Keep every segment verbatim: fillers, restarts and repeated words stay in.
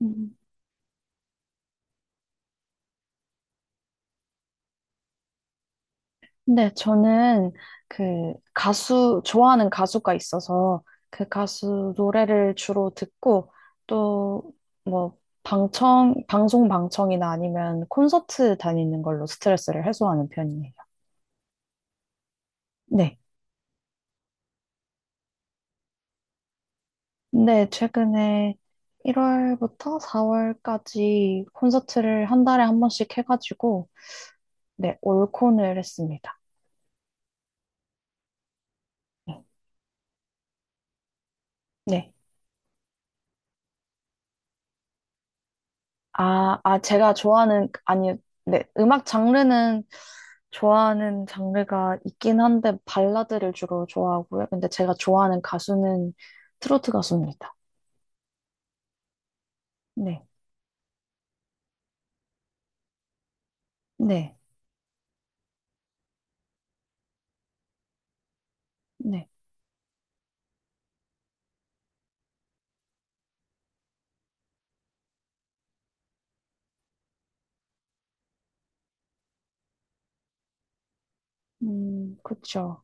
음. 근데 저는 그 가수, 좋아하는 가수가 있어서 그 가수 노래를 주로 듣고 또 뭐 방청, 방송 방청이나 아니면 콘서트 다니는 걸로 스트레스를 해소하는 편이에요. 네. 근데 최근에 일 월부터 사 월까지 콘서트를 한 달에 한 번씩 해가지고 네, 올콘을 했습니다. 네. 아, 아, 제가 좋아하는, 아니, 네, 음악 장르는 좋아하는 장르가 있긴 한데, 발라드를 주로 좋아하고요. 근데 제가 좋아하는 가수는 트로트 가수입니다. 네, 네, 네. 음, 그쵸.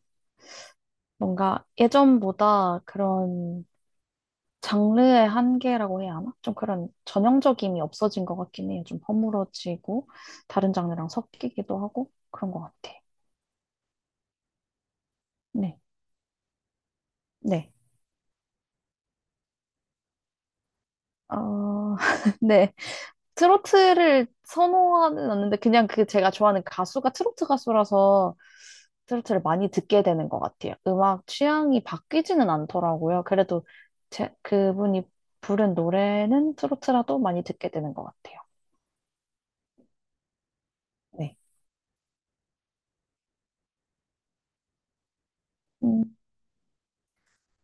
뭔가 예전보다 그런 장르의 한계라고 해야 하나? 좀 그런 전형적임이 없어진 것 같긴 해요. 좀 허물어지고, 다른 장르랑 섞이기도 하고, 그런 것 같아. 네, 네. 어, 네. 트로트를 선호하는 않는데 그냥 그 제가 좋아하는 가수가 트로트 가수라서 트로트를 많이 듣게 되는 것 같아요. 음악 취향이 바뀌지는 않더라고요. 그래도 제, 그분이 부른 노래는 트로트라도 많이 듣게 되는 것 같아요. 네. 음,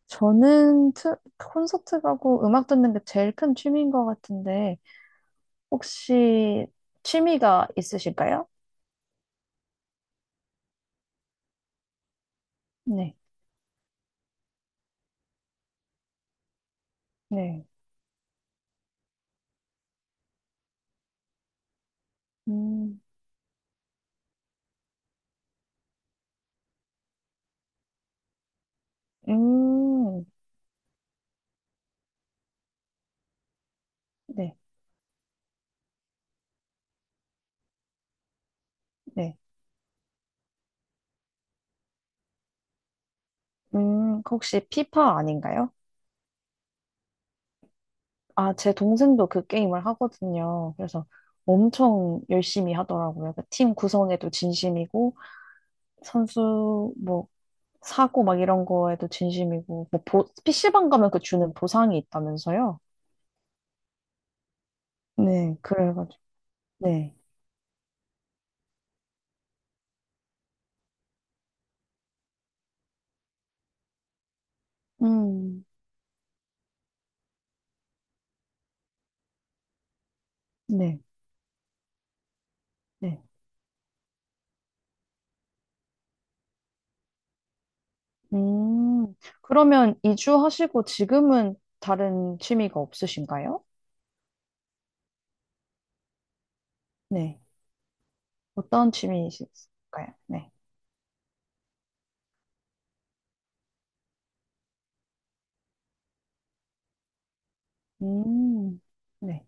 저는 트, 콘서트 가고 음악 듣는 게 제일 큰 취미인 것 같은데 혹시 취미가 있으실까요? 네. 네. 음, 음, 네. 네. 음, 그 혹시 피파 아닌가요? 아, 제 동생도 그 게임을 하거든요. 그래서 엄청 열심히 하더라고요. 그팀 구성에도 진심이고, 선수 뭐 사고 막 이런 거에도 진심이고, 뭐 보, 피시방 가면 그 주는 보상이 있다면서요? 네, 그래가지고. 네. 음, 네, 네. 음, 그러면 이주하시고 지금은 다른 취미가 없으신가요? 네. 어떤 취미이실까요? 네. 음, 네.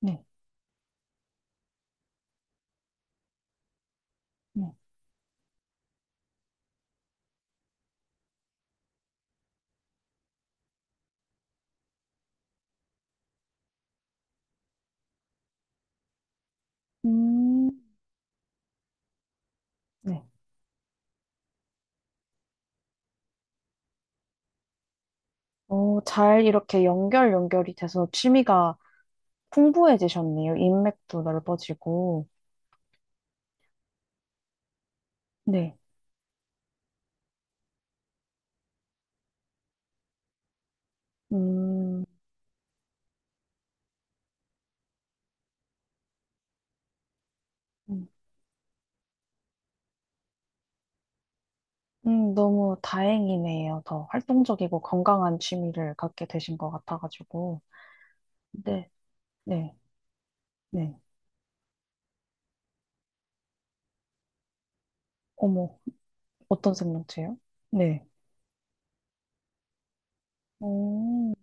네, 네. 음, 네. 어, 잘 이렇게 연결 연결이 돼서 취미가 풍부해지셨네요. 인맥도 넓어지고. 네. 음, 음, 음, 너무 다행이네요. 더 활동적이고 건강한 취미를 갖게 되신 것 같아가지고. 네, 네, 네. 어머, 어떤 생명체요? 네. 오,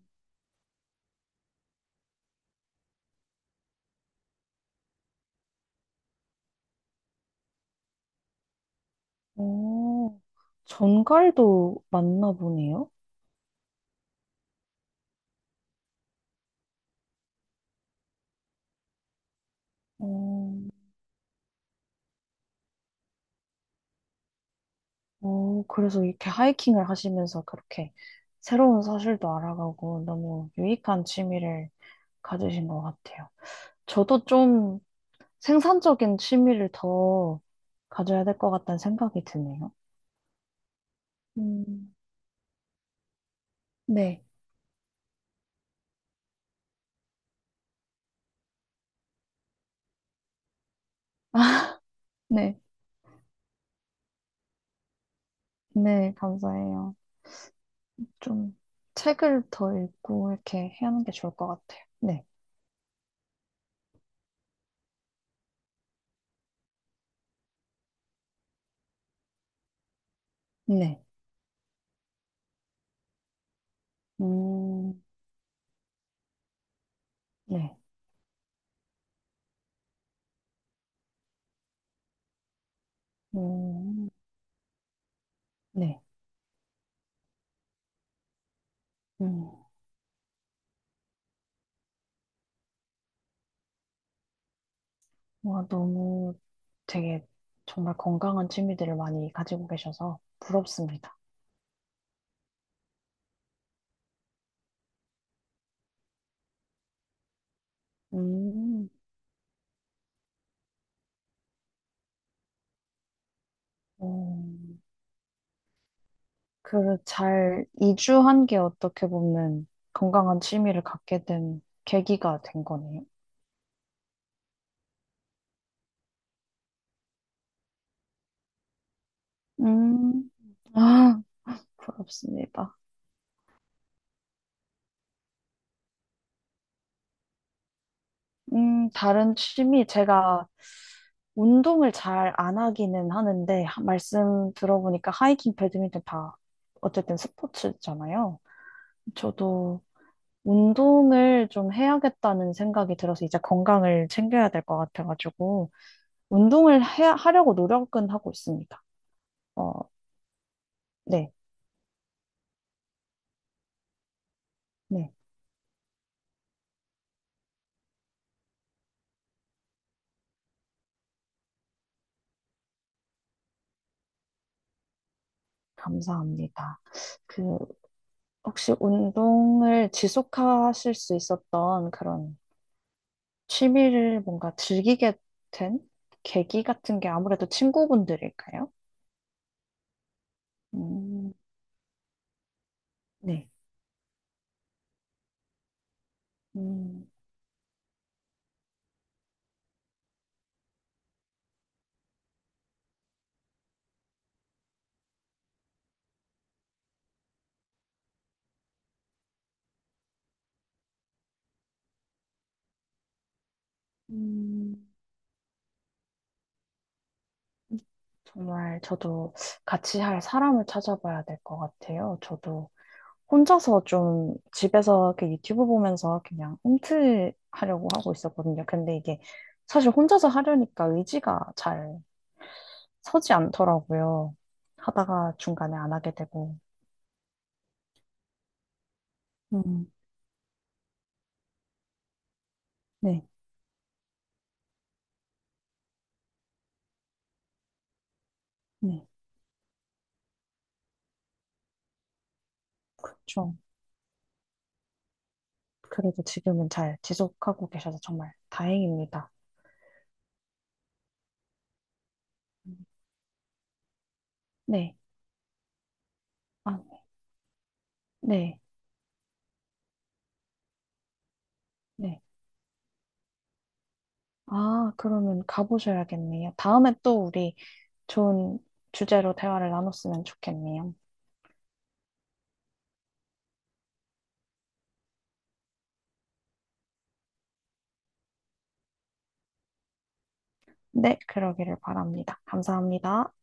오, 전갈도 맞나 보네요. 오, 어, 그래서 이렇게 하이킹을 하시면서 그렇게 새로운 사실도 알아가고 너무 유익한 취미를 가지신 것 같아요. 저도 좀 생산적인 취미를 더 가져야 될 것 같다는 생각이 드네요. 음, 네, 네, 네, 감사해요. 좀 책을 더 읽고 이렇게 해야 하는 게 좋을 것 같아요. 네, 네, 음, 네, 음, 네, 음. 와, 너무 되게 정말 건강한 취미들을 많이 가지고 계셔서 부럽습니다. 음, 음, 그 잘 이주한 게 어떻게 보면 건강한 취미를 갖게 된 계기가 된 거네요. 음, 아, 부럽습니다. 음, 다른 취미, 제가 운동을 잘 안 하기는 하는데, 하- 말씀 들어보니까 하이킹, 배드민턴 다 어쨌든 스포츠잖아요. 저도 운동을 좀 해야겠다는 생각이 들어서 이제 건강을 챙겨야 될 것 같아가지고 운동을 해, 하려고 노력은 하고 있습니다. 어, 네, 네, 감사합니다. 그 혹시 운동을 지속하실 수 있었던 그런 취미를 뭔가 즐기게 된 계기 같은 게 아무래도 친구분들일까요? 음, 네, 음, 음. 정말 저도 같이 할 사람을 찾아봐야 될 것 같아요. 저도 혼자서 좀 집에서 이렇게 유튜브 보면서 그냥 움트하려고 하고 있었거든요. 근데 이게 사실 혼자서 하려니까 의지가 잘 서지 않더라고요. 하다가 중간에 안 하게 되고. 음, 네, 네. 그렇죠. 그래도 지금은 잘 지속하고 계셔서 정말 다행입니다. 음, 네. 아, 네. 네. 아, 그러면 가보셔야겠네요. 다음에 또 우리 좋은 주제로 대화를 나눴으면 좋겠네요. 네, 그러기를 바랍니다. 감사합니다.